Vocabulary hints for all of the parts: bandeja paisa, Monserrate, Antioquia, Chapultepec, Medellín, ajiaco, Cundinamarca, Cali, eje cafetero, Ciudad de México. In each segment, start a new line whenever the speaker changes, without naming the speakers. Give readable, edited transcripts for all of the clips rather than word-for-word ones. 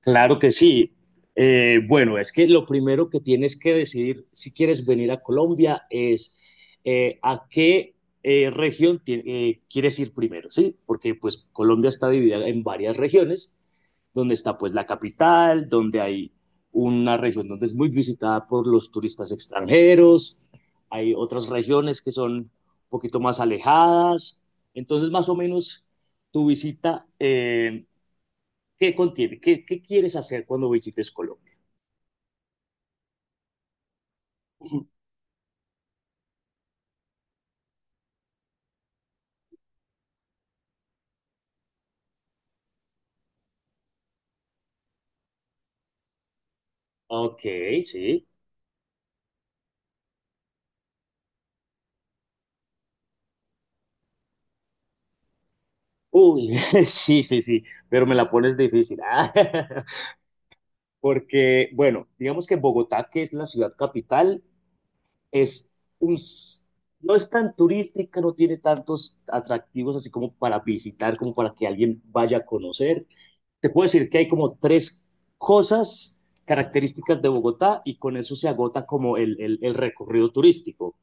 Claro que sí. Bueno, es que lo primero que tienes que decidir si quieres venir a Colombia es a qué región quieres ir primero, ¿sí? Porque pues Colombia está dividida en varias regiones, donde está pues la capital, donde hay una región donde es muy visitada por los turistas extranjeros, hay otras regiones que son un poquito más alejadas, entonces más o menos tu visita. ¿Qué contiene? ¿Qué quieres hacer cuando visites Colombia? Ok, sí. Uy, sí, sí, sí, pero me la pones difícil. Ah, Porque, bueno, digamos que Bogotá, que es la ciudad capital, es un, s- no es tan turística, no tiene tantos atractivos así como para visitar, como para que alguien vaya a conocer. Te puedo decir que hay como tres cosas características de Bogotá y con eso se agota como el recorrido turístico.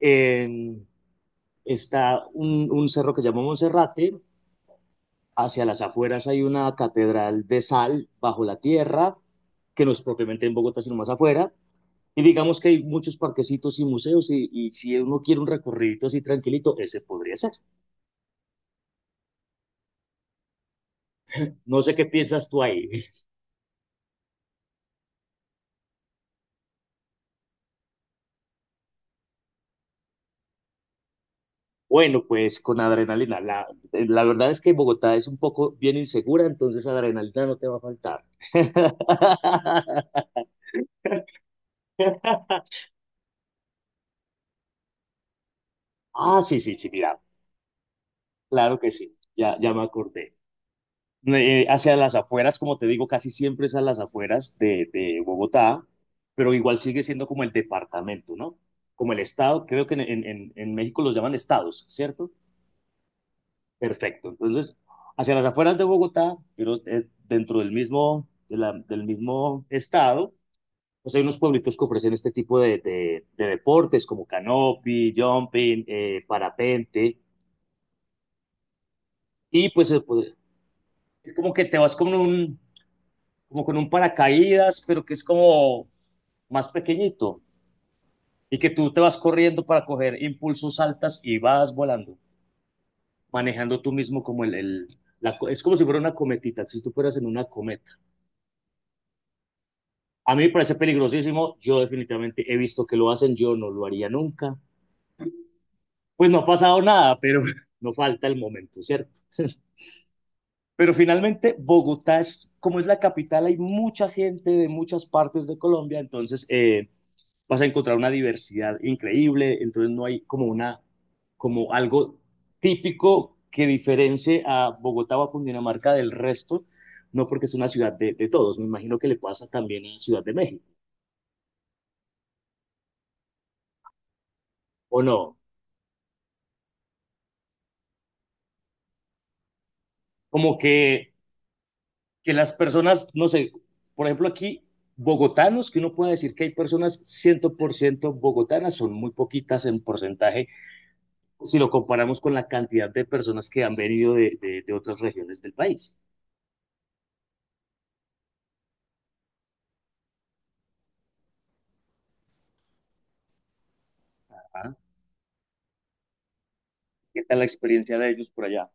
En- Está un cerro que se llama Monserrate, hacia las afueras hay una catedral de sal bajo la tierra, que no es propiamente en Bogotá, sino más afuera, y digamos que hay muchos parquecitos y museos, y si uno quiere un recorrido así tranquilito, ese podría ser. No sé qué piensas tú ahí. Bueno, pues con adrenalina. La verdad es que Bogotá es un poco bien insegura, entonces adrenalina no te va a faltar. Ah, sí, sí, sí, mira, claro que sí, ya, ya me acordé. Hacia las afueras, como te digo, casi siempre es a las afueras de Bogotá, pero igual sigue siendo como el departamento, ¿no? Como el estado, creo que en México los llaman estados, ¿cierto? Perfecto. Entonces, hacia las afueras de Bogotá, pero dentro del mismo estado, pues hay unos pueblitos que ofrecen este tipo de deportes como canopy, jumping, parapente, y pues pues, es como que te vas con un como con un paracaídas, pero que es como, más pequeñito y que tú te vas corriendo para coger impulsos altas y vas volando, manejando tú mismo como el la, es como si fuera una cometita, si tú fueras en una cometa. A mí me parece peligrosísimo, yo definitivamente he visto que lo hacen, yo no lo haría nunca. Pues no ha pasado nada, pero no falta el momento, ¿cierto? Pero finalmente, Bogotá es, como es la capital, hay mucha gente de muchas partes de Colombia, entonces vas a encontrar una diversidad increíble, entonces no hay como una, como algo típico que diferencie a Bogotá o a Cundinamarca del resto, no porque es una ciudad de todos, me imagino que le pasa también a la Ciudad de México, ¿o no? Como que las personas, no sé, por ejemplo aquí, bogotanos, que uno pueda decir que hay personas 100% bogotanas, son muy poquitas en porcentaje si lo comparamos con la cantidad de personas que han venido de otras regiones del país. Ajá. ¿Qué tal la experiencia de ellos por allá?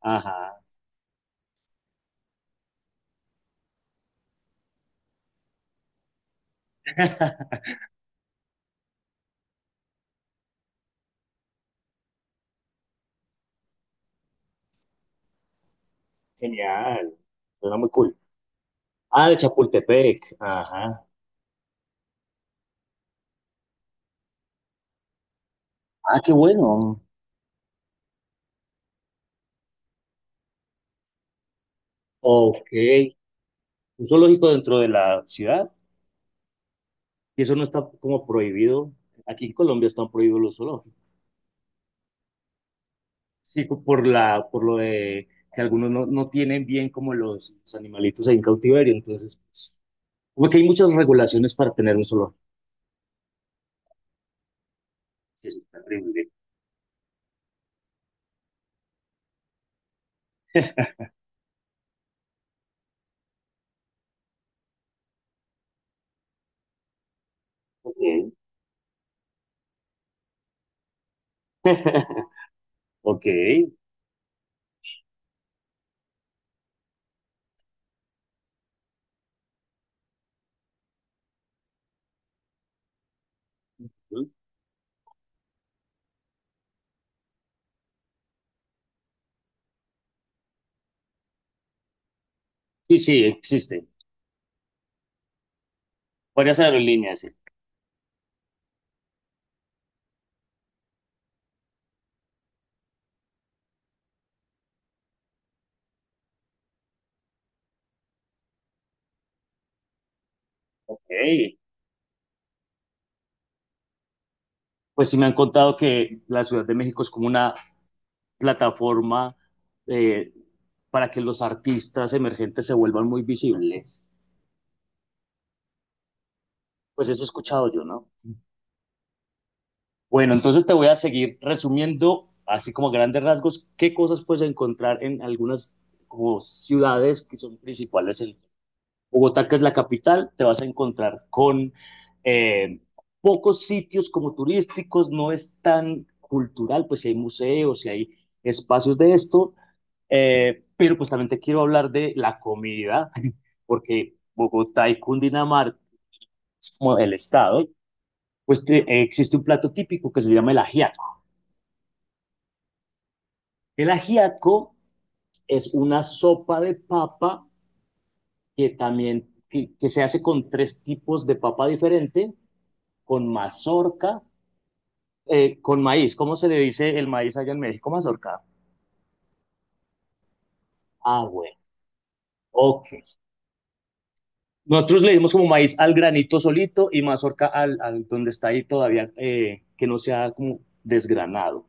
Ajá. Genial. Suena muy cool. Ah, de Chapultepec. Ajá. Ah, qué bueno. Ok. Un zoológico dentro de la ciudad. Y eso no está como prohibido. Aquí en Colombia están prohibidos los zoológicos. Sí, por lo de que algunos no, no tienen bien como los animalitos ahí en cautiverio, entonces, pues, como que hay muchas regulaciones para tener un solo. Eso está terrible. Ok. Ok. Sí, sí, existe. Varias aerolíneas, sí. Ok. Pues sí me han contado que la Ciudad de México es como una plataforma eh, para que los artistas emergentes se vuelvan muy visibles. Pues eso he escuchado yo, ¿no? Bueno, entonces te voy a seguir resumiendo, así como a grandes rasgos, qué cosas puedes encontrar en algunas como ciudades que son principales. En Bogotá, que es la capital, te vas a encontrar con eh, pocos sitios como turísticos, no es tan cultural, pues si hay museos, si hay espacios de esto, pero pues también te quiero hablar de la comida, porque Bogotá y Cundinamarca, como el estado, pues existe un plato típico que se llama el ajiaco. El ajiaco es una sopa de papa que también que se hace con tres tipos de papa diferente, con mazorca, con maíz. ¿Cómo se le dice el maíz allá en México? Mazorca. Ah, bueno. Ok. Nosotros le dimos como maíz al granito solito y mazorca al donde está ahí todavía, que no sea como desgranado.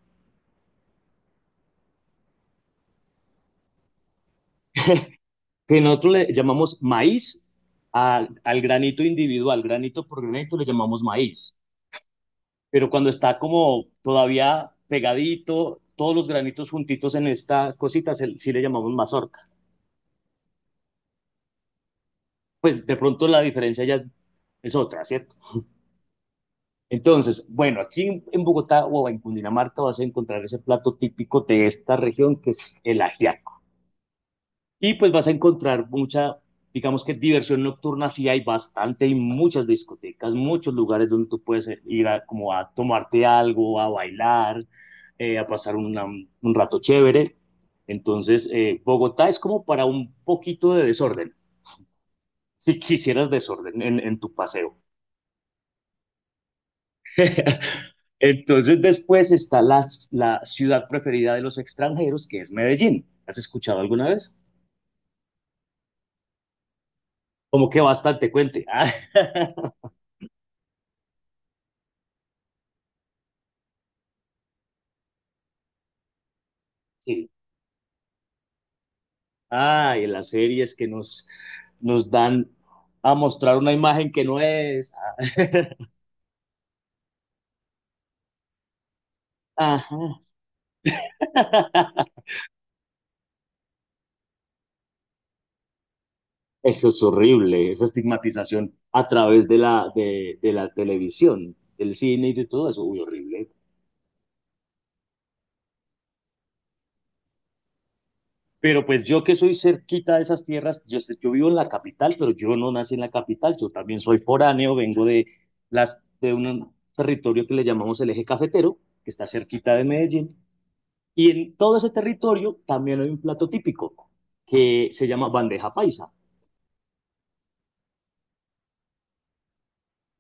Que nosotros le llamamos maíz al granito individual, granito por granito le llamamos maíz. Pero cuando está como todavía pegadito, todos los granitos juntitos en esta cosita, sí le llamamos mazorca. Pues de pronto la diferencia ya es otra, ¿cierto? Entonces, bueno, aquí en Bogotá o en Cundinamarca vas a encontrar ese plato típico de esta región que es el ajiaco. Y pues vas a encontrar mucha, digamos que diversión nocturna, sí hay bastante, hay muchas discotecas, muchos lugares donde tú puedes ir a, como a tomarte algo, a bailar, a pasar un rato chévere. Entonces, Bogotá es como para un poquito de desorden, si quisieras desorden en tu paseo. Entonces, después está la ciudad preferida de los extranjeros, que es Medellín. ¿Has escuchado alguna vez? Como que bastante, cuente. Ah, sí. Ah, y las series que nos dan a mostrar una imagen que no es. Ajá. Eso es horrible, esa estigmatización a través de la televisión, del cine y de todo eso, uy, horrible. Pero pues yo que soy cerquita de esas tierras, yo vivo en la capital, pero yo no nací en la capital, yo también soy foráneo, vengo de un territorio que le llamamos el eje cafetero, que está cerquita de Medellín. Y en todo ese territorio también hay un plato típico que se llama bandeja paisa.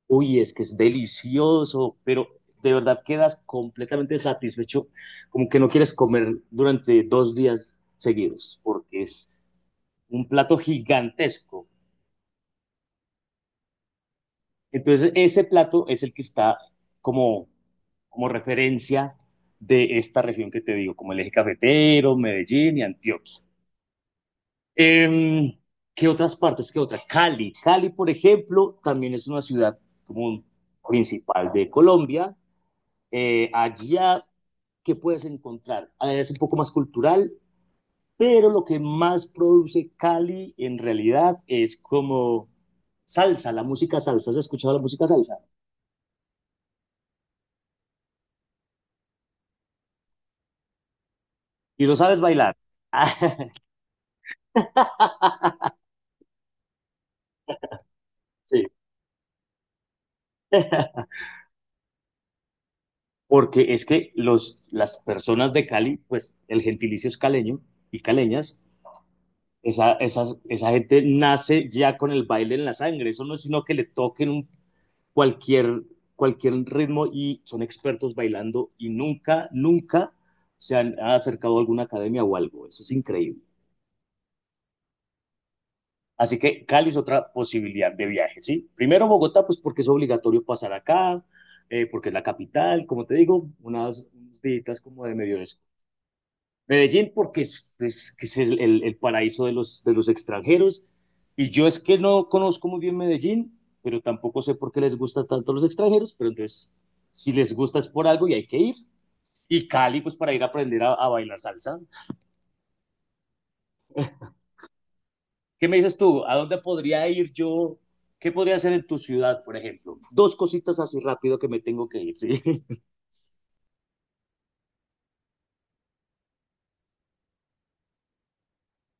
Uy, es que es delicioso, pero de verdad quedas completamente satisfecho, como que no quieres comer durante 2 días seguidos, porque es un plato gigantesco. Entonces, ese plato es el que está como, como referencia de esta región que te digo, como el eje cafetero, Medellín y Antioquia. Em, ¿Qué otras partes? ¿Qué otra? Cali. Cali, por ejemplo, también es una ciudad como un principal de Colombia. Allá, ¿qué puedes encontrar? Ah, es un poco más cultural, pero lo que más produce Cali en realidad es como salsa, la música salsa. ¿Has escuchado la música salsa? Y lo sabes bailar. Sí, porque es que las personas de Cali, pues el gentilicio es caleño y caleñas. Esa gente nace ya con el baile en la sangre. Eso no es sino que le toquen cualquier, cualquier ritmo y son expertos bailando y nunca, nunca se han acercado a alguna academia o algo. Eso es increíble. Así que Cali es otra posibilidad de viaje, ¿sí? Primero Bogotá, pues porque es obligatorio pasar acá, porque es la capital, como te digo, unos días como de medio. Medellín porque que es el paraíso de los extranjeros. Y yo es que no conozco muy bien Medellín, pero tampoco sé por qué les gusta tanto a los extranjeros, pero entonces, si les gusta es por algo y hay que ir. Y Cali, pues para ir a aprender a bailar salsa. ¿Qué me dices tú? ¿A dónde podría ir yo? ¿Qué podría hacer en tu ciudad, por ejemplo? Dos cositas así rápido que me tengo que ir, ¿sí?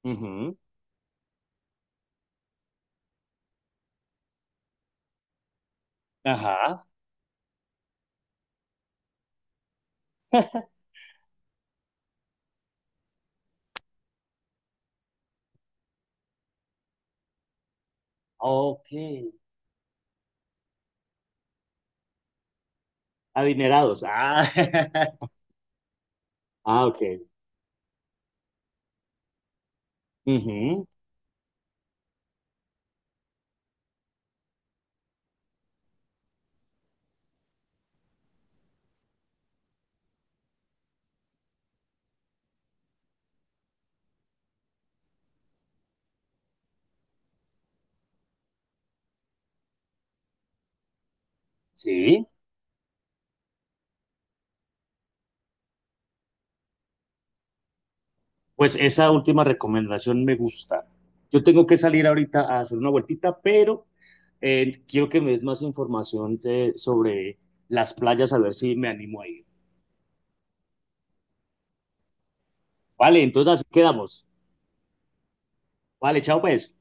Ujú. Ajá. Ok. Adinerados. Ah, Ah, ok. Ujú. Sí. Pues esa última recomendación me gusta. Yo tengo que salir ahorita a hacer una vueltita, pero quiero que me des más información sobre las playas, a ver si me animo a ir. Vale, entonces así quedamos. Vale, chao pues.